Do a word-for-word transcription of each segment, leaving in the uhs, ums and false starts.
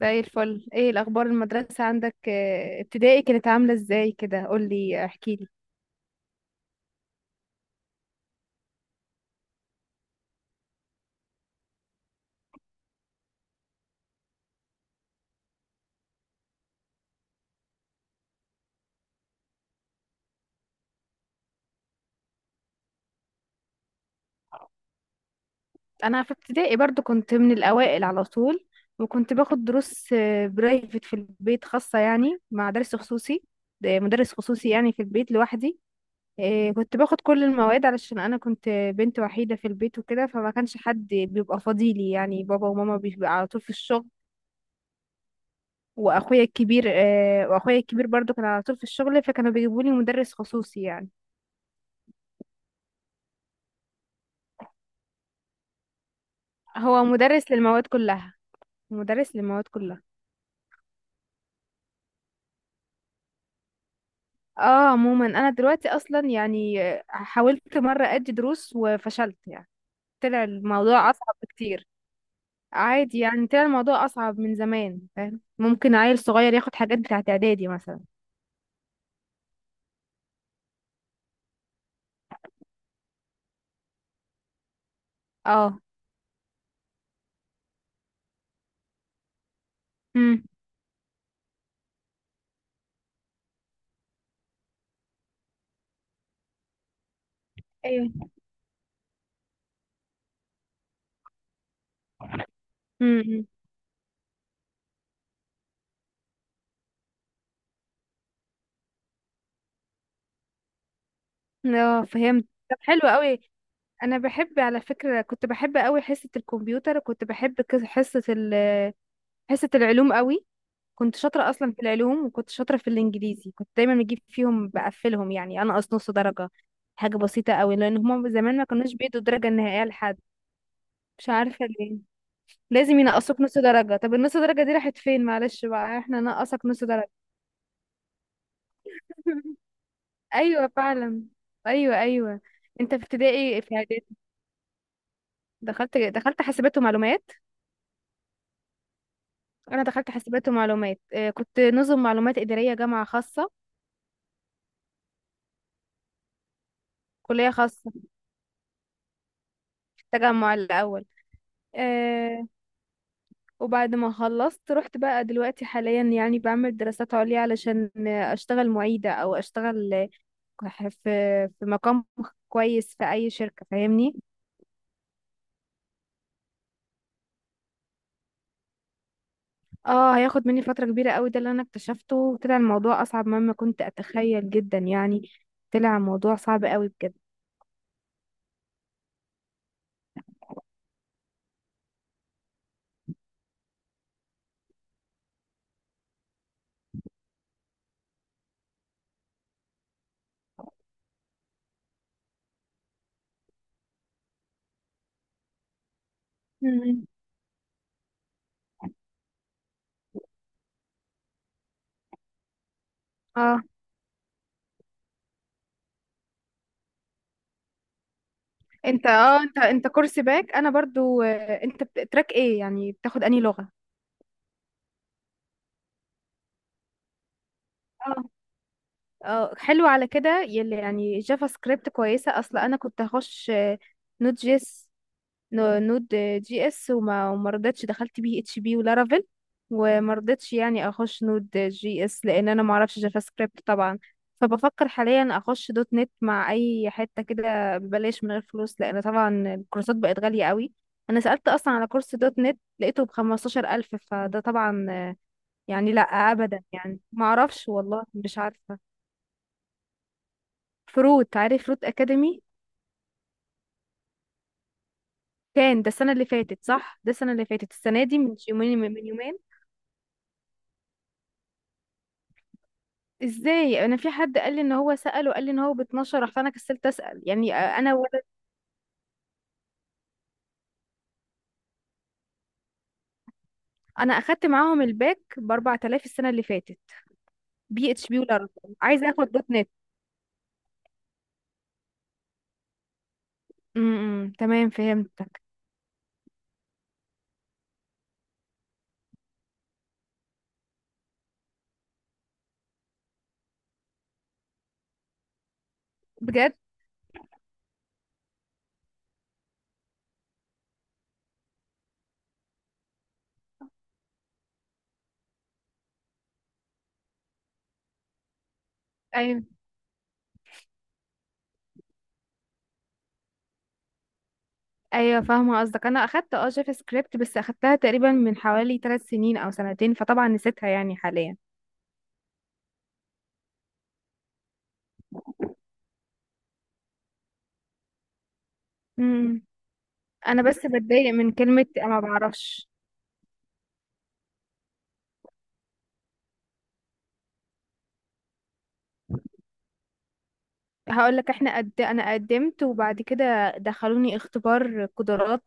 زي الفل. ايه الاخبار المدرسه عندك؟ آه، ابتدائي كانت عامله ازاي كده؟ قولي احكي لي. انا في ابتدائي برضو كنت من الاوائل على طول، وكنت باخد دروس برايفت في البيت، خاصه يعني مع درس خصوصي. ده مدرس خصوصي يعني في البيت لوحدي. آه، كنت باخد كل المواد علشان انا كنت بنت وحيده في البيت وكده، فما كانش حد بيبقى فاضيلي يعني. بابا وماما بيبقى على طول في الشغل، واخويا الكبير آه، واخويا الكبير برضو كان على طول في الشغل، فكانوا بيجيبوا لي مدرس خصوصي يعني. هو مدرس للمواد كلها، مدرس للمواد كلها اه عموما انا دلوقتي اصلا يعني حاولت مره ادي دروس وفشلت يعني. طلع الموضوع اصعب بكتير. عادي يعني، طلع الموضوع اصعب من زمان. فاهم؟ ممكن عيل صغير ياخد حاجات بتاعت اعدادي مثلا. اه. امم. ايوه. امم. اه فهمت. طب حلو قوي. انا بحب، على فكره كنت بحب قوي حصه الكمبيوتر، وكنت بحب كذا- حصه ال حصه العلوم قوي. كنت شاطرة أصلا في العلوم، وكنت شاطرة في الإنجليزي. كنت دايما بجيب فيهم، بقفلهم يعني، أنقص نص درجة. حاجة بسيطة قوي، لأن هما زمان ما كانوش بيدوا الدرجة النهائية لحد. مش عارفة ليه. لازم ينقصوك نص درجة. طب النص درجة دي راحت فين؟ معلش بقى، احنا نقصك نص درجة. أيوة فعلا. أيوة أيوة. انت في ابتدائي في اعدادي. دخلت دخلت حاسبات ومعلومات. انا دخلت حاسبات ومعلومات، آه، كنت نظم معلومات اداريه، جامعه خاصه، كليه خاصه، في التجمع الاول. آه، وبعد ما خلصت رحت بقى دلوقتي حاليا يعني بعمل دراسات عليا علشان اشتغل معيدة، او اشتغل في في مقام كويس في اي شركة، فاهمني؟ اه هياخد مني فترة كبيرة قوي. ده اللي انا اكتشفته، وطلع الموضوع اصعب مما كنت اتخيل جدا يعني. طلع الموضوع صعب قوي بجد. مم. اه انت اه انت انت كورس باك. انا برضو آه، انت بت- تراك ايه يعني؟ بتاخد انهي لغة؟ اه حلو. على كده يلي يعني جافا سكريبت كويسة، اصل انا كنت هخش نود جي اس. نود جي اس، وما وما رضيتش، دخلت بي اتش بي ولارافيل. وما رضيتش يعني اخش نود جي اس لان انا ما اعرفش جافا سكريبت طبعا. فبفكر حاليا اخش دوت نت مع اي حتة كده ببلاش من غير فلوس، لان طبعا الكورسات بقت غالية قوي. انا سألت اصلا على كورس دوت نت، لقيته بخمستاشر الف. فده طبعا يعني لا ابدا، يعني ما اعرفش، والله مش عارفة. فروت، عارف فروت اكاديمي؟ كان ده السنه اللي فاتت، صح؟ ده السنه اللي فاتت. السنه دي من يومين، من يومين. ازاي؟ انا في حد قال لي ان هو سال وقال لي ان هو ب اثنا عشر. رحت انا كسلت اسال يعني. آه، انا ولا انا اخدت معاهم الباك ب اربعة الاف السنه اللي فاتت. بي اتش بي. ولا عايزه اخد دوت نت. امم. إمم. تمام فهمتك. بجد؟ ايوه ايوه فاهمه قصدك. انا اخدت اه جافا سكريبت بس اخدتها تقريبا من حوالي ثلاث سنين او سنتين، فطبعا نسيتها يعني حاليا. امم. إمم. انا بس بتضايق من كلمه ما بعرفش. هقول لك، احنا قد... انا قدمت، وبعد كده دخلوني اختبار قدرات،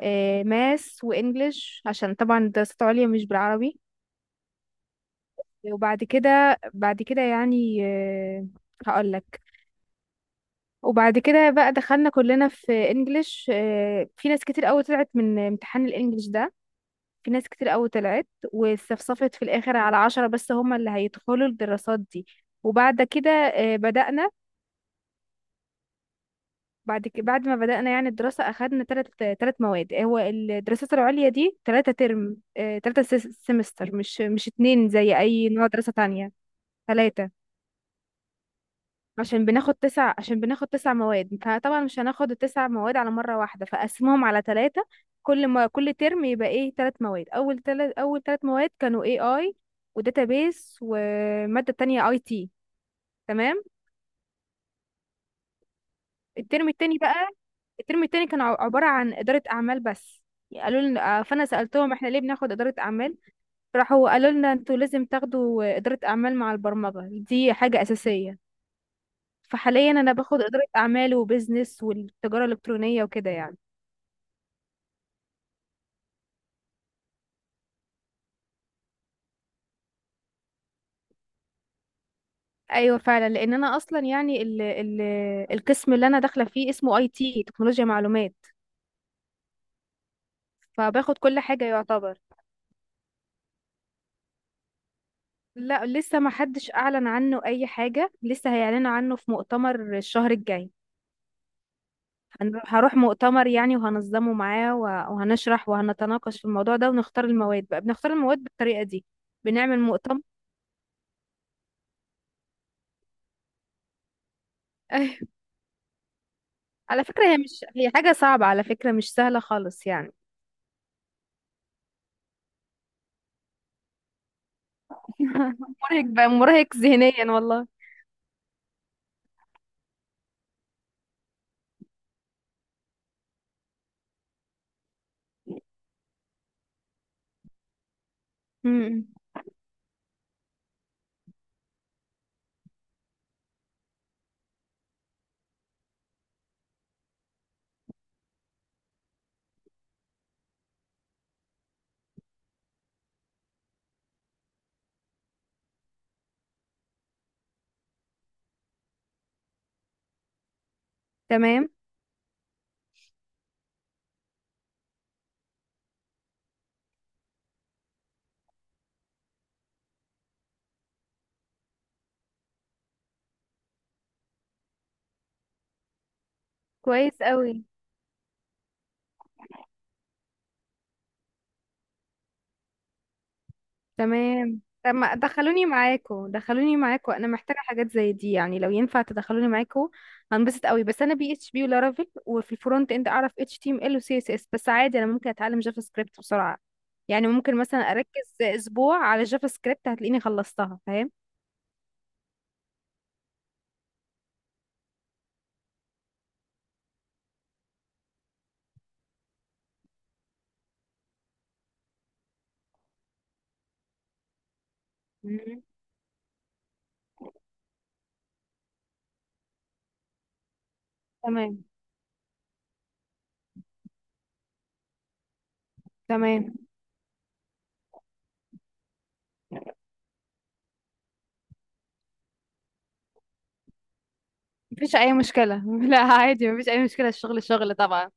آه، ماس وانجليش، عشان طبعا دراسات عليا مش بالعربي. وبعد كده بعد كده يعني آه، هقول لك. وبعد كده بقى دخلنا كلنا في انجليش، آه، في ناس كتير قوي طلعت من امتحان الانجليش ده. في ناس كتير قوي طلعت، واستفصفت في الاخر على عشرة بس، هما اللي هيدخلوا الدراسات دي. وبعد كده آه، بدأنا. بعد ك... بعد ما بدأنا يعني الدراسة أخدنا تلت تلت مواد. هو الدراسات العليا دي تلاتة ترم، آه، تلاتة سيس- سمستر، مش مش اتنين زي أي نوع دراسة تانية. تلاتة، عشان بناخد تسع، عشان بناخد تسع مواد، فطبعا مش هناخد التسع مواد على مرة واحدة، فقسمهم على تلاتة. كل ما كل ترم يبقى ايه، تلات مواد. أول تلات أول تلات مواد كانوا A I وداتابيس ومادة تانية I T. تمام. الترم التاني بقى، الترم التاني كان ع- عبارة عن إدارة أعمال بس. قالوا لنا آه، فأنا سألتهم احنا ليه بناخد إدارة أعمال؟ راحوا قالوا لنا انتوا لازم تاخدوا إدارة أعمال مع البرمجة، دي حاجة أساسية. فحاليا أنا باخد إدارة أعمال وبزنس والتجارة الإلكترونية وكده يعني. أيوة فعلا، لأن أنا أصلا يعني ال ال القسم اللي أنا داخلة فيه اسمه أي تي، تكنولوجيا معلومات. فباخد كل حاجة يعتبر. لا لسه ما حدش أعلن عنه أي حاجة، لسه هيعلنوا عنه في مؤتمر الشهر الجاي. هن- هروح مؤتمر يعني وهنظمه معاه، و- وهنشرح وهنتناقش في الموضوع ده ونختار المواد بقى. بنختار المواد بالطريقة دي، بنعمل مؤتمر. أيوة. على فكرة هي مش، هي حاجة صعبة على فكرة، مش سهلة خالص يعني. مرهق بقى، مرهق ذهنيا والله. امم. تمام. كويس قوي. تمام، طب ما دخلوني معاكو، دخلوني معاكو، انا محتاجه حاجات زي دي يعني. لو ينفع تدخلوني معاكو هنبسط قوي. بس انا بي اتش بي ولارافيل، وفي الفرونت اند اعرف اتش تي ام ال وسي اس اس بس، عادي انا ممكن اتعلم جافا سكريبت بسرعه. يعني ممكن مثلا اركز اسبوع على جافا سكريبت هتلاقيني خلصتها، فاهم؟ مم. تمام. تمام مفيش اي مشكله. لا عادي مفيش اي مشكله، الشغل شغل طبعا.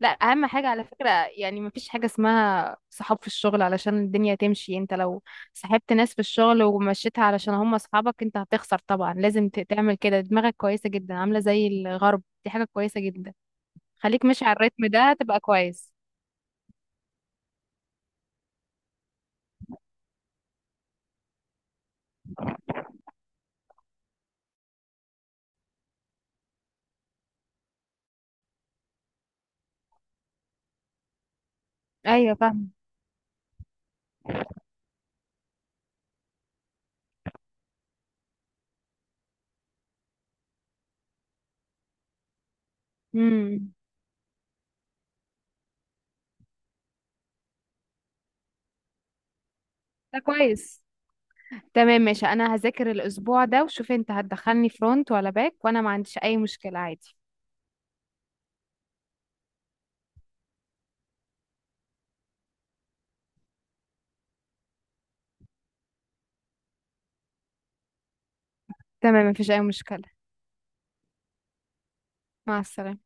لا اهم حاجه على فكره، يعني مفيش حاجه اسمها صحاب في الشغل علشان الدنيا تمشي. انت لو صاحبت ناس في الشغل ومشيتها علشان هم اصحابك انت هتخسر طبعا. لازم ت- تعمل كده، دماغك كويسه جدا، عامله زي الغرب، دي حاجه كويسه جدا. خليك ماشي على الريتم ده تبقى كويس. ايوه فاهم. امم. ده كويس. تمام ماشي، انا هذاكر الاسبوع ده وشوف انت هتدخلني فرونت ولا باك، وانا ما عنديش اي مشكله عادي. تمام مفيش اي مشكله. مع السلامه.